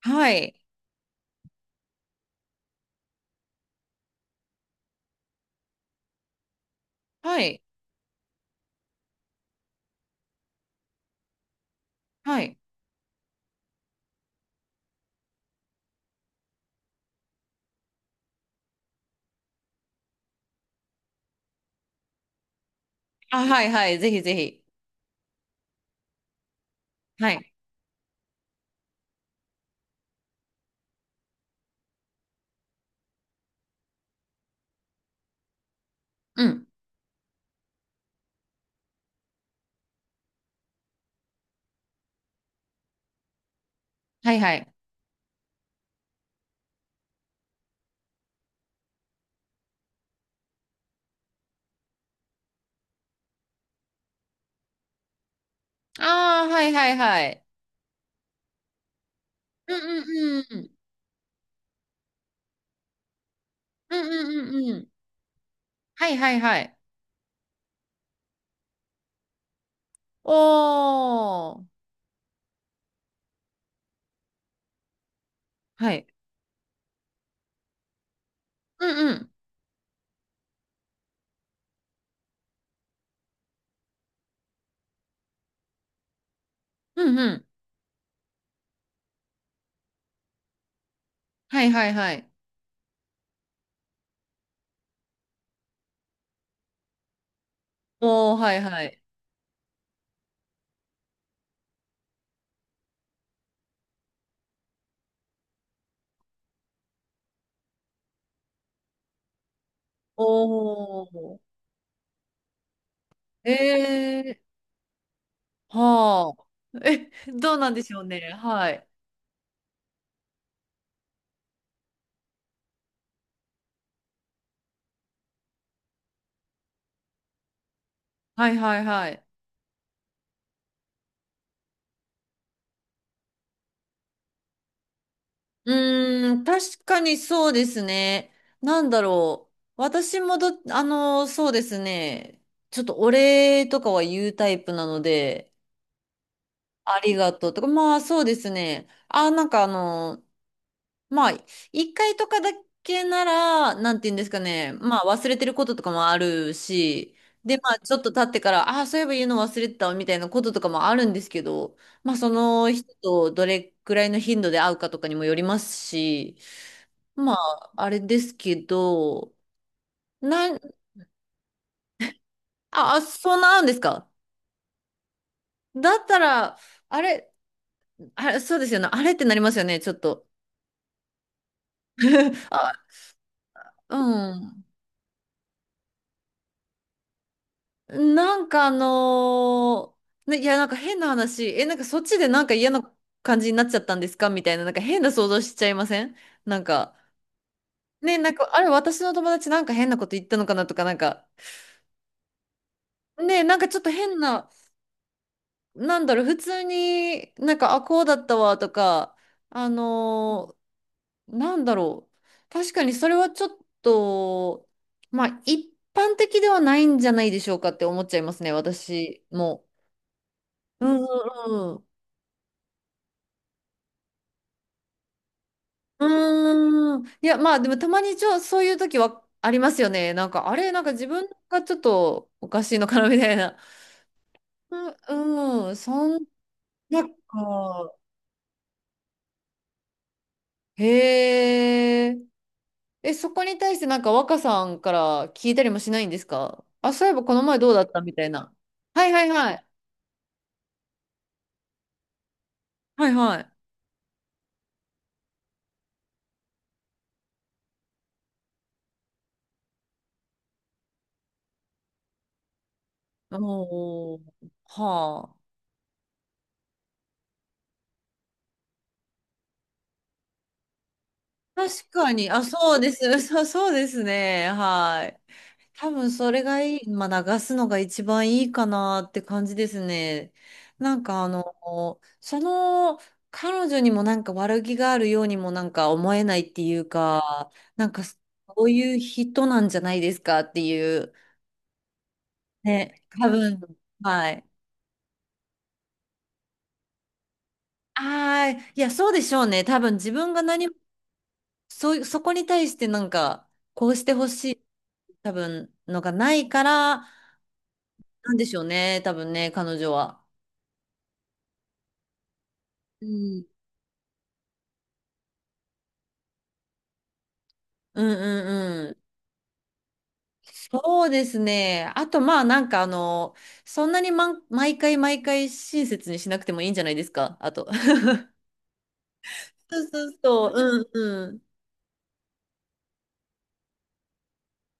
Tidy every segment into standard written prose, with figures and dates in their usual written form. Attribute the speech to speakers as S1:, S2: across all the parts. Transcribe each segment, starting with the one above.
S1: はい。はい。はい。あ、はいはい。ぜひぜひ。はい。うん。はいはい。ああ、はいはいはい。うんうんうん。うんうんうんうん。はいはいはい。おー。はい。うんうん。うんうん。はいはいはい。おー、はいはい。おー。えー。はあ。え、どうなんでしょうね。はい。はいはいはい。うーん、確かにそうですね。なんだろう。私もそうですね。ちょっとお礼とかは言うタイプなので、ありがとうとか、まあそうですね。なんかまあ、一回とかだけなら、なんて言うんですかね。まあ忘れてることとかもあるし、で、まあちょっと経ってから、あ、そういえば言うの忘れてたわみたいなこととかもあるんですけど、まあその人とどれくらいの頻度で会うかとかにもよりますし、まあ、あれですけど、なん、あそうなあんですか。だったら、あれ、あれ、そうですよね。あれってなりますよね、ちょっと。あ、うん。なんかね、いや、なんか変な話。なんかそっちでなんか嫌な感じになっちゃったんですかみたいな、なんか変な想像しちゃいません？なんか、ね、なんか、あれ、私の友達なんか変なこと言ったのかなとか、なんか、ね、なんかちょっと変な、なんだろう、普通になんか、こうだったわとか、あのなんだろう。確かにそれはちょっと、まあ一般的ではないんじゃないでしょうかって思っちゃいますね、私も。うんうんうん。うーん。いや、まあでもたまにそういう時はありますよね。なんか、あれ、なんか自分がちょっとおかしいのかなみたいな。うんうん。そんなか。へえ。そこに対してなんか若さんから聞いたりもしないんですか？あ、そういえばこの前どうだったみたいな。はいはいはい。はいはい。おお、はあ。確かに、あ、そうです。そう、そうですね。はい。多分それがいい、まあ、流すのが一番いいかなって感じですね。なんか彼女にもなんか悪気があるようにもなんか思えないっていうか、なんかそういう人なんじゃないですかっていう。ね、多分、はい。いや、そうでしょうね。多分自分が何もそういう、そこに対してなんか、こうしてほしい、多分、のがないから、なんでしょうね、多分ね、彼女は。うん。うんうんうん。そうですね。あと、まあ、なんかそんなに、毎回毎回親切にしなくてもいいんじゃないですか、あと。そうそうそう、うんうん。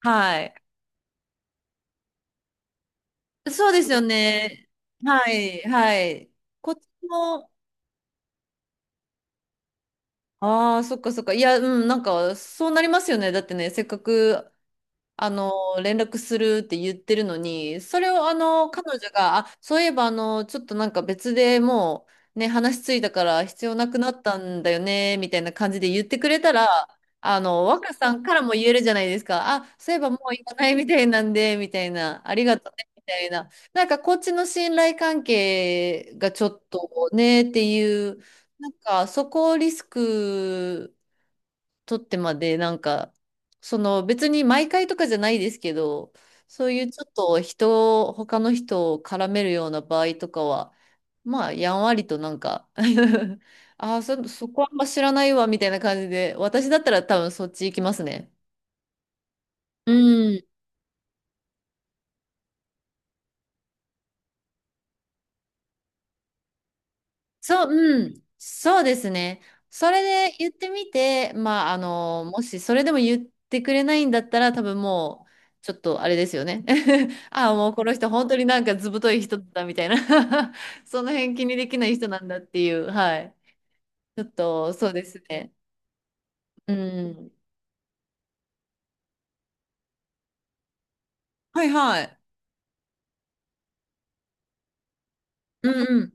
S1: はい。そうですよね。はい、はい。こっちも、そっかそっか。いや、うん、なんか、そうなりますよね。だってね、せっかくあの、連絡するって言ってるのに、それを彼女が、そういえばちょっとなんか別でもう、ね、話ついたから必要なくなったんだよね、みたいな感じで言ってくれたら、若さんからも言えるじゃないですか。そういえばもういらないみたいなんで、みたいな、ありがとうね、みたいな。なんかこっちの信頼関係がちょっとね、っていう、なんかそこをリスク、取ってまで、なんか、その別に毎回とかじゃないですけど、そういうちょっと人を、他の人を絡めるような場合とかは、まあ、やんわりとなんか そこあんま知らないわ、みたいな感じで、私だったら多分そっち行きますね。うんそう、うん、そうですね。それで言ってみて、まあ、もしそれでも言ってくれないんだったら、多分もう、ちょっとあれですよね。もうこの人、本当になんかずぶとい人だみたいな その辺気にできない人なんだっていう、はい。ちょっと、そうですね。うん。はいはい。うんうん。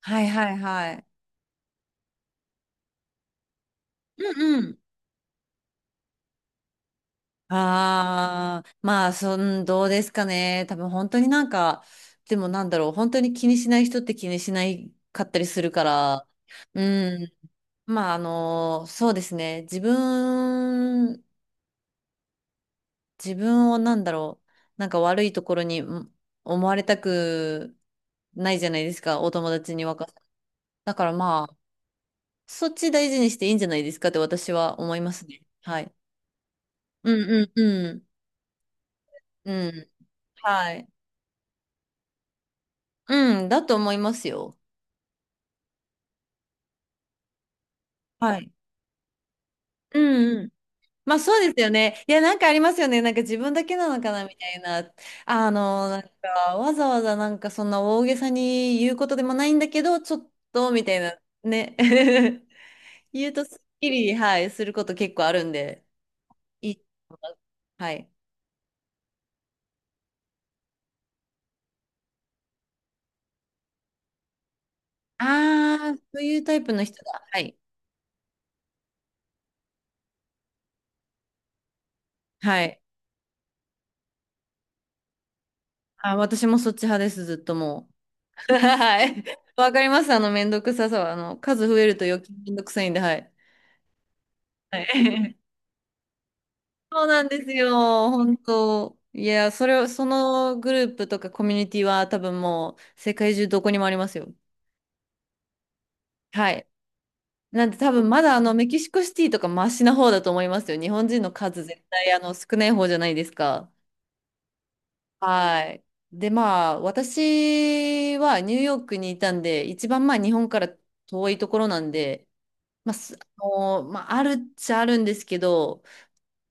S1: はいはいはい。うんうん。まあ、どうですかね。多分本当になんか、でもなんだろう、本当に気にしない人って気にしないかったりするから、うん。まあ、そうですね。自分、自分をなんだろう、なんか悪いところにん思われたくないじゃないですか、お友達にだからまあ、そっち大事にしていいんじゃないですかって私は思いますね。はい。うんうんうん。うん。はい。うん、だと思いますよ。はい。うんうん。まあそうですよね。いや、なんかありますよね。なんか自分だけなのかなみたいな。なんかわざわざなんかそんな大げさに言うことでもないんだけど、ちょっとみたいなね。言うとすっきり、はい、すること結構あるんで、いいと思います。はい。そういうタイプの人だ。はい。はい。私もそっち派です、ずっともう。はい。わかります。めんどくささは、数増えると余計めんどくさいんで、はい。はい、そうなんですよ、本当。いや、それを、そのグループとかコミュニティは多分もう世界中どこにもありますよ。はい。なんで多分まだメキシコシティとかマシな方だと思いますよ。日本人の数絶対少ない方じゃないですか。はい。で、まあ私はニューヨークにいたんで、一番まあ日本から遠いところなんで、まあ、すあのまあ、あるっちゃあるんですけど、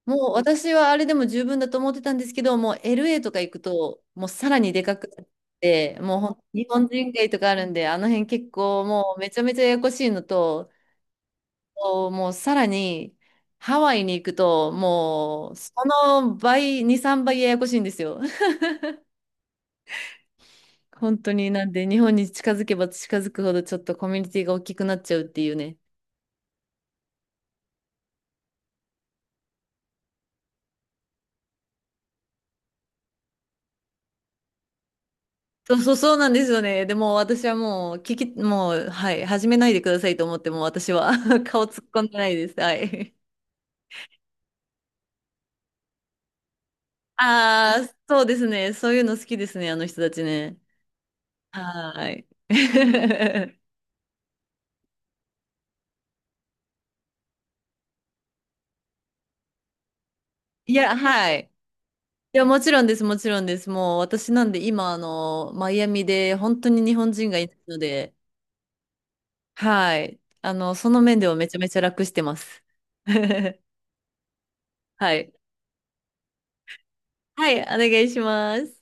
S1: もう私はあれでも十分だと思ってたんですけど、もう LA とか行くと、もうさらにでかくなって、もう日本人街とかあるんで、あの辺結構もうめちゃめちゃややこしいのと、もうさらにハワイに行くと、もうその倍、2、3倍ややこしいんですよ。本当になんで日本に近づけば近づくほどちょっとコミュニティが大きくなっちゃうっていうね。そう そうそうなんですよね。でも私はもうもう、はい、始めないでくださいと思って、もう私は 顔突っ込んでないです。はい。そうですね。そういうの好きですね、あの人たちね。はーい。いや、はい。いや、もちろんです、もちろんです。もう私なんで今、マイアミで本当に日本人がいないので、はい。その面ではめちゃめちゃ楽してます。はい。はい、お願いします。